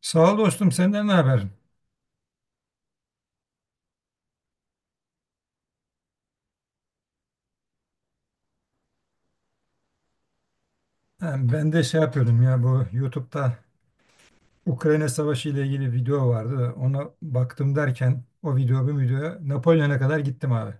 Sağ ol dostum, senden ne haber? Yani ben de şey yapıyordum ya, bu YouTube'da Ukrayna Savaşı ile ilgili video vardı da ona baktım, derken o video bu videoya, Napolyon'a kadar gittim abi.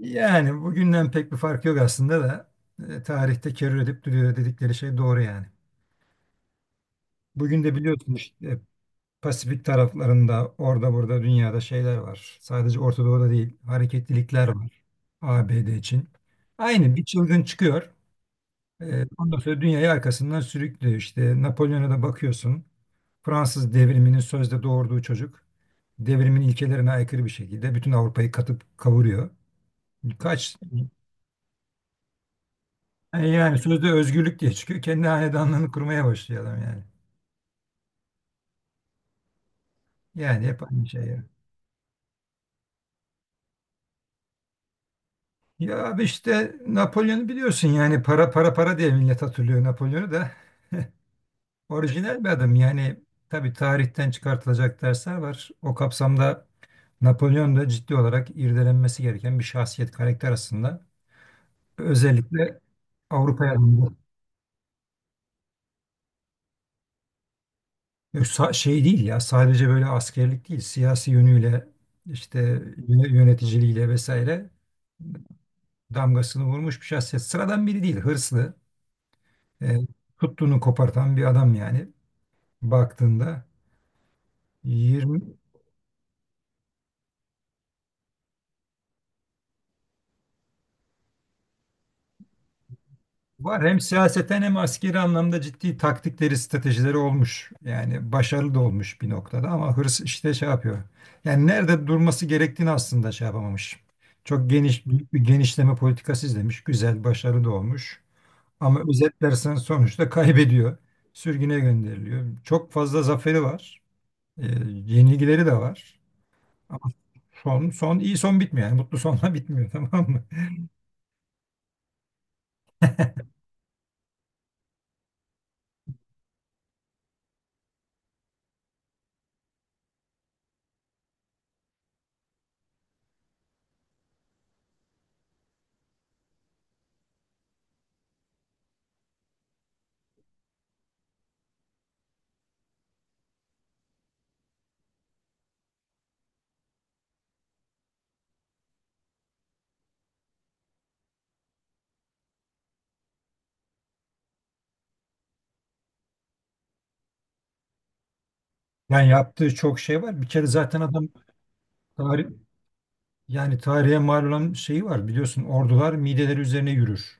Yani bugünden pek bir fark yok aslında da, tarihte kerür edip duruyor dedikleri şey doğru yani. Bugün de biliyorsun işte, Pasifik taraflarında, orada burada dünyada şeyler var. Sadece Orta Doğu'da değil, hareketlilikler var ABD için. Aynı bir çılgın çıkıyor. Ondan sonra dünyayı arkasından sürüklüyor. İşte Napolyon'a da bakıyorsun. Fransız Devriminin sözde doğurduğu çocuk, devrimin ilkelerine aykırı bir şekilde bütün Avrupa'yı katıp kavuruyor. Kaç yani sözde özgürlük diye çıkıyor, kendi hanedanlığını kurmaya başlıyor adam yani. Yani hep aynı şey ya. Ya abi, işte Napolyon'u biliyorsun, yani para para para diye millet hatırlıyor Napolyon'u da. Orijinal bir adam yani. Tabii tarihten çıkartılacak dersler var. O kapsamda Napolyon da ciddi olarak irdelenmesi gereken bir şahsiyet, karakter aslında. Özellikle Avrupa'ya alındı. Yok, şey değil ya, sadece böyle askerlik değil, siyasi yönüyle işte yöneticiliğiyle vesaire damgasını vurmuş bir şahsiyet. Sıradan biri değil, hırslı, e, tuttuğunu kopartan bir adam yani, baktığında. 20, var hem siyaseten hem askeri anlamda ciddi taktikleri, stratejileri olmuş. Yani başarılı da olmuş bir noktada ama hırs işte şey yapıyor. Yani nerede durması gerektiğini aslında şey yapamamış. Çok geniş, büyük bir genişleme politikası izlemiş. Güzel, başarılı da olmuş. Ama özetlersen sonuçta kaybediyor. Sürgüne gönderiliyor. Çok fazla zaferi var. Yenilgileri de var. Ama son iyi son bitmiyor. Yani mutlu sonla bitmiyor tamam mı? Yani yaptığı çok şey var. Bir kere zaten adam tarih, yani tarihe mal olan şeyi var, biliyorsun, ordular mideleri üzerine yürür.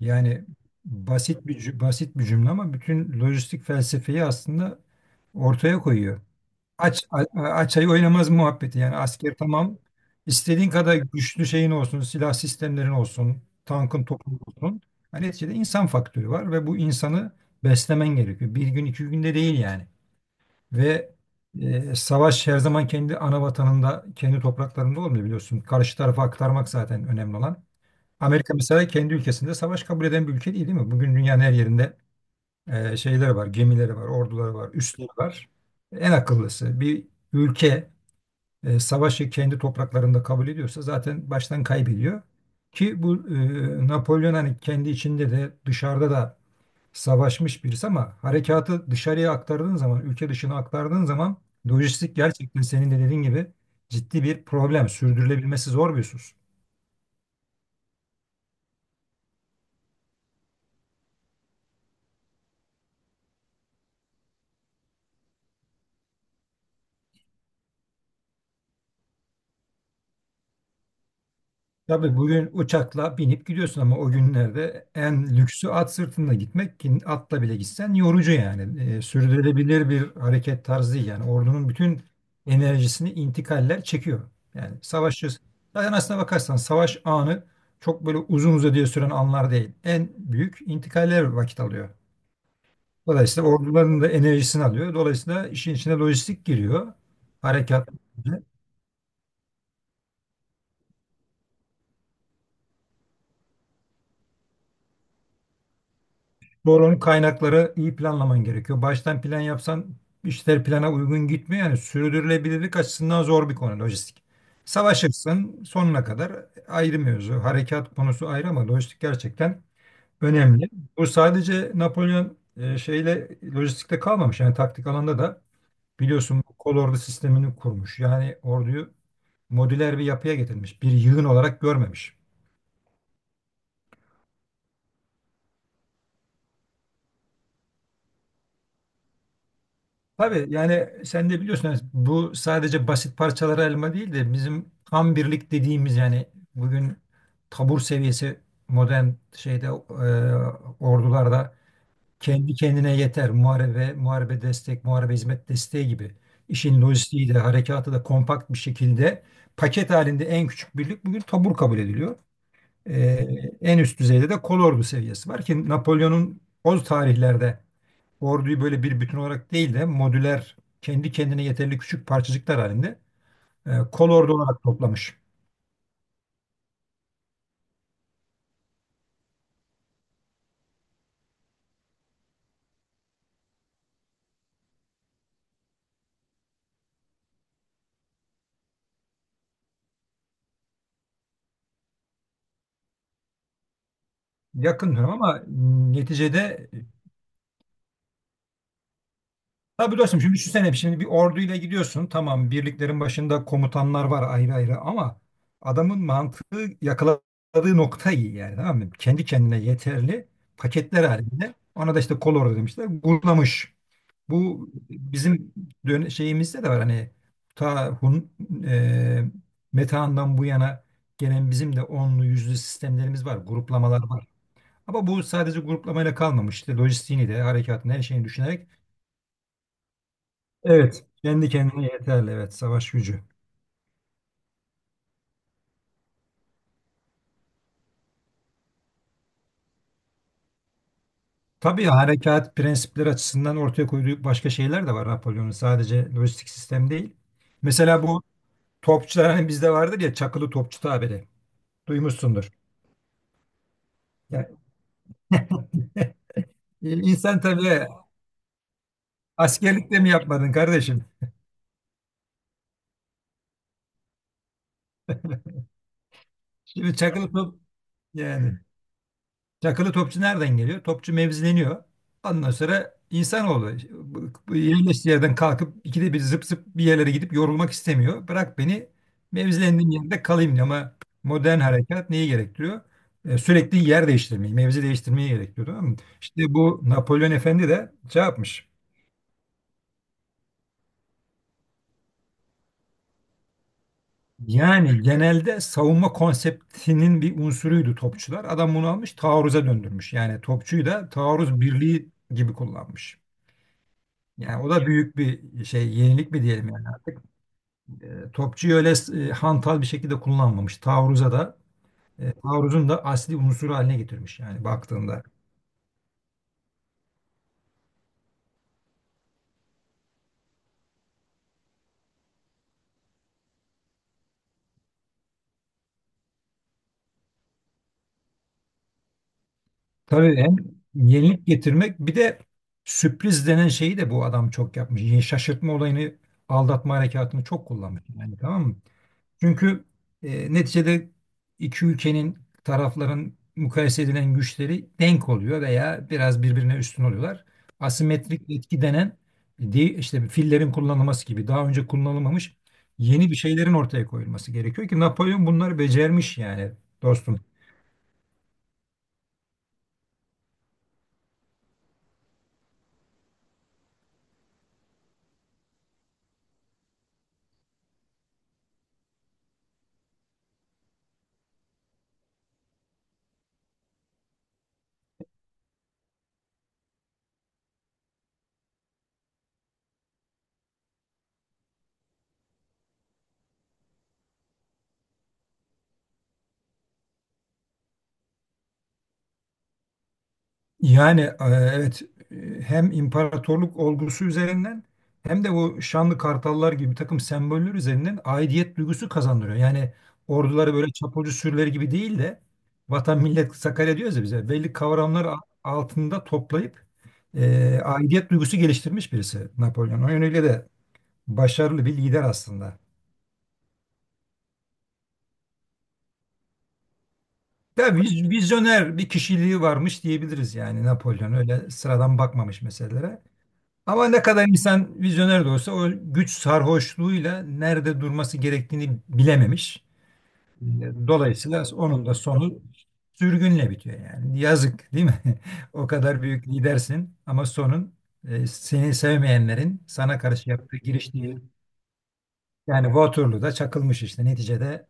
Yani basit bir cümle ama bütün lojistik felsefeyi aslında ortaya koyuyor. Aç ayı oynamaz muhabbeti, yani asker, tamam, istediğin kadar güçlü şeyin olsun, silah sistemlerin olsun, tankın topun olsun. Hani neticede insan faktörü var ve bu insanı beslemen gerekiyor. Bir gün, 2 günde değil yani. Ve savaş her zaman kendi ana vatanında, kendi topraklarında olmuyor, biliyorsun. Karşı tarafa aktarmak zaten önemli olan. Amerika mesela kendi ülkesinde savaş kabul eden bir ülke değil, değil mi? Bugün dünyanın her yerinde şeyleri var, gemileri var, orduları var, üsleri var. En akıllısı, bir ülke savaşı kendi topraklarında kabul ediyorsa zaten baştan kaybediyor. Ki bu Napolyon hani kendi içinde de dışarıda da savaşmış birisi ama harekatı dışarıya aktardığın zaman, ülke dışına aktardığın zaman, lojistik gerçekten senin de dediğin gibi ciddi bir problem, sürdürülebilmesi zor bir husus. Tabii bugün uçakla binip gidiyorsun ama o günlerde en lüksü at sırtında gitmek, ki atla bile gitsen yorucu yani. Sürdürülebilir bir hareket tarzı değil. Yani ordunun bütün enerjisini intikaller çekiyor. Yani savaşçı, zaten aslına bakarsan savaş anı çok böyle uzun uzadıya süren anlar değil. En büyük intikaller vakit alıyor. Dolayısıyla orduların da enerjisini alıyor. Dolayısıyla işin içine lojistik giriyor. Harekat. Doğru, onun kaynakları iyi planlaman gerekiyor. Baştan plan yapsan işler plana uygun gitmiyor. Yani sürdürülebilirlik açısından zor bir konu lojistik. Savaşırsın sonuna kadar, ayrı mevzu. Harekat konusu ayrı ama lojistik gerçekten önemli. Bu sadece Napolyon şeyle, lojistikte kalmamış. Yani taktik alanda da biliyorsun, bu kol ordu sistemini kurmuş. Yani orduyu modüler bir yapıya getirmiş, bir yığın olarak görmemiş. Tabii yani sen de biliyorsun, yani bu sadece basit parçalara elma değil de bizim tam birlik dediğimiz yani, bugün tabur seviyesi, modern şeyde, ordularda kendi kendine yeter. Muharebe, muharebe destek, muharebe hizmet desteği gibi işin lojistiği de harekatı da kompakt bir şekilde, paket halinde en küçük birlik bugün tabur kabul ediliyor. En üst düzeyde de kolordu seviyesi var ki Napolyon'un o tarihlerde orduyu böyle bir bütün olarak değil de modüler, kendi kendine yeterli küçük parçacıklar halinde, kolordu olarak toplamış. Yakın diyorum ama neticede, tabii dostum, şimdi düşünsene, şimdi bir orduyla gidiyorsun, tamam, birliklerin başında komutanlar var ayrı ayrı, ama adamın mantığı yakaladığı nokta iyi, yani tamam mı? Kendi kendine yeterli paketler halinde, ona da işte kolordu demişler, bulamış. Bu bizim şeyimizde de var hani, ta Hun, e, Metehan'dan bu yana gelen, bizim de onlu yüzlü sistemlerimiz var, gruplamalar var. Ama bu sadece gruplamayla kalmamış. İşte lojistiğini de, harekatını, her şeyini düşünerek, evet, kendi kendine yeterli, evet, savaş gücü. Tabii harekat prensipleri açısından ortaya koyduğu başka şeyler de var Napolyon'un. Sadece lojistik sistem değil. Mesela bu topçular, hani bizde vardır ya çakılı topçu tabiri. Duymuşsundur. Yani İnsan tabii. Askerlikte mi yapmadın kardeşim? Şimdi çakılı top, yani çakılı topçu nereden geliyor? Topçu mevzileniyor. Ondan sonra insanoğlu bu yerleştiği yerden kalkıp ikide bir zıp zıp bir yerlere gidip yorulmak istemiyor. Bırak beni mevzilendiğim yerde kalayım diyor, ama modern harekat neyi gerektiriyor? Sürekli yer değiştirmeyi, mevzi değiştirmeyi gerektiriyor. Tamam mı? İşte bu Napolyon Efendi de şey yapmış. Yani genelde savunma konseptinin bir unsuruydu topçular. Adam bunu almış taarruza döndürmüş. Yani topçuyu da taarruz birliği gibi kullanmış. Yani o da büyük bir şey, yenilik mi diyelim yani artık. Topçuyu öyle hantal bir şekilde kullanmamış. Taarruza da, taarruzun da asli unsuru haline getirmiş yani, baktığında. Tabii hem yenilik getirmek, bir de sürpriz denen şeyi de bu adam çok yapmış. Yani şaşırtma olayını, aldatma harekatını çok kullanmış. Yani tamam mı? Çünkü neticede iki ülkenin, tarafların mukayese edilen güçleri denk oluyor veya biraz birbirine üstün oluyorlar. Asimetrik etki denen, işte fillerin kullanılması gibi daha önce kullanılmamış, yeni bir şeylerin ortaya koyulması gerekiyor ki Napolyon bunları becermiş yani dostum. Yani, evet, hem imparatorluk olgusu üzerinden hem de bu şanlı kartallar gibi bir takım semboller üzerinden aidiyet duygusu kazandırıyor. Yani orduları böyle çapulcu sürüleri gibi değil de vatan millet Sakarya diyoruz ya, bize belli kavramlar altında toplayıp aidiyet duygusu geliştirmiş birisi Napolyon. O yönüyle de başarılı bir lider aslında. Ya vizyoner bir kişiliği varmış diyebiliriz yani. Napolyon öyle sıradan bakmamış meselelere. Ama ne kadar insan vizyoner de olsa, o güç sarhoşluğuyla nerede durması gerektiğini bilememiş. Dolayısıyla onun da sonu sürgünle bitiyor yani. Yazık değil mi? O kadar büyük lidersin ama sonun, seni sevmeyenlerin sana karşı yaptığı, giriştiği... Yani Waterloo'da çakılmış işte neticede.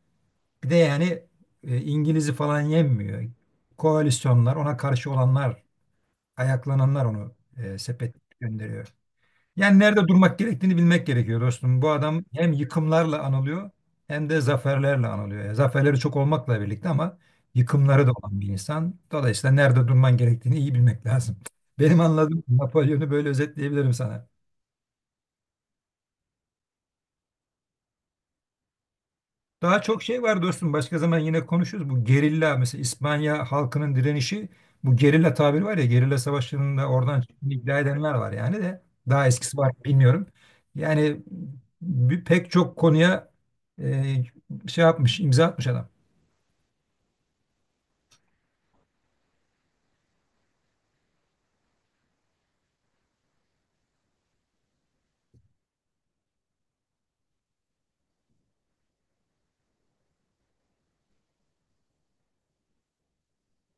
Bir de yani İngiliz'i falan yenmiyor. Koalisyonlar, ona karşı olanlar, ayaklananlar onu sepet gönderiyor. Yani nerede durmak gerektiğini bilmek gerekiyor dostum. Bu adam hem yıkımlarla anılıyor hem de zaferlerle anılıyor. Yani zaferleri çok olmakla birlikte ama yıkımları da olan bir insan. Dolayısıyla nerede durman gerektiğini iyi bilmek lazım. Benim anladığım, Napolyon'u böyle özetleyebilirim sana. Daha çok şey var dostum. Başka zaman yine konuşuruz. Bu gerilla mesela, İspanya halkının direnişi, bu gerilla tabiri var ya, gerilla savaşlarında oradan çıktığını iddia edenler var yani, de daha eskisi var mı bilmiyorum. Yani bir, pek çok konuya e, şey yapmış, imza atmış adam.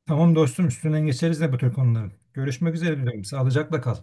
Tamam dostum, üstünden geçeriz de bu tür konuların. Görüşmek üzere diyorum. Sağlıcakla kal.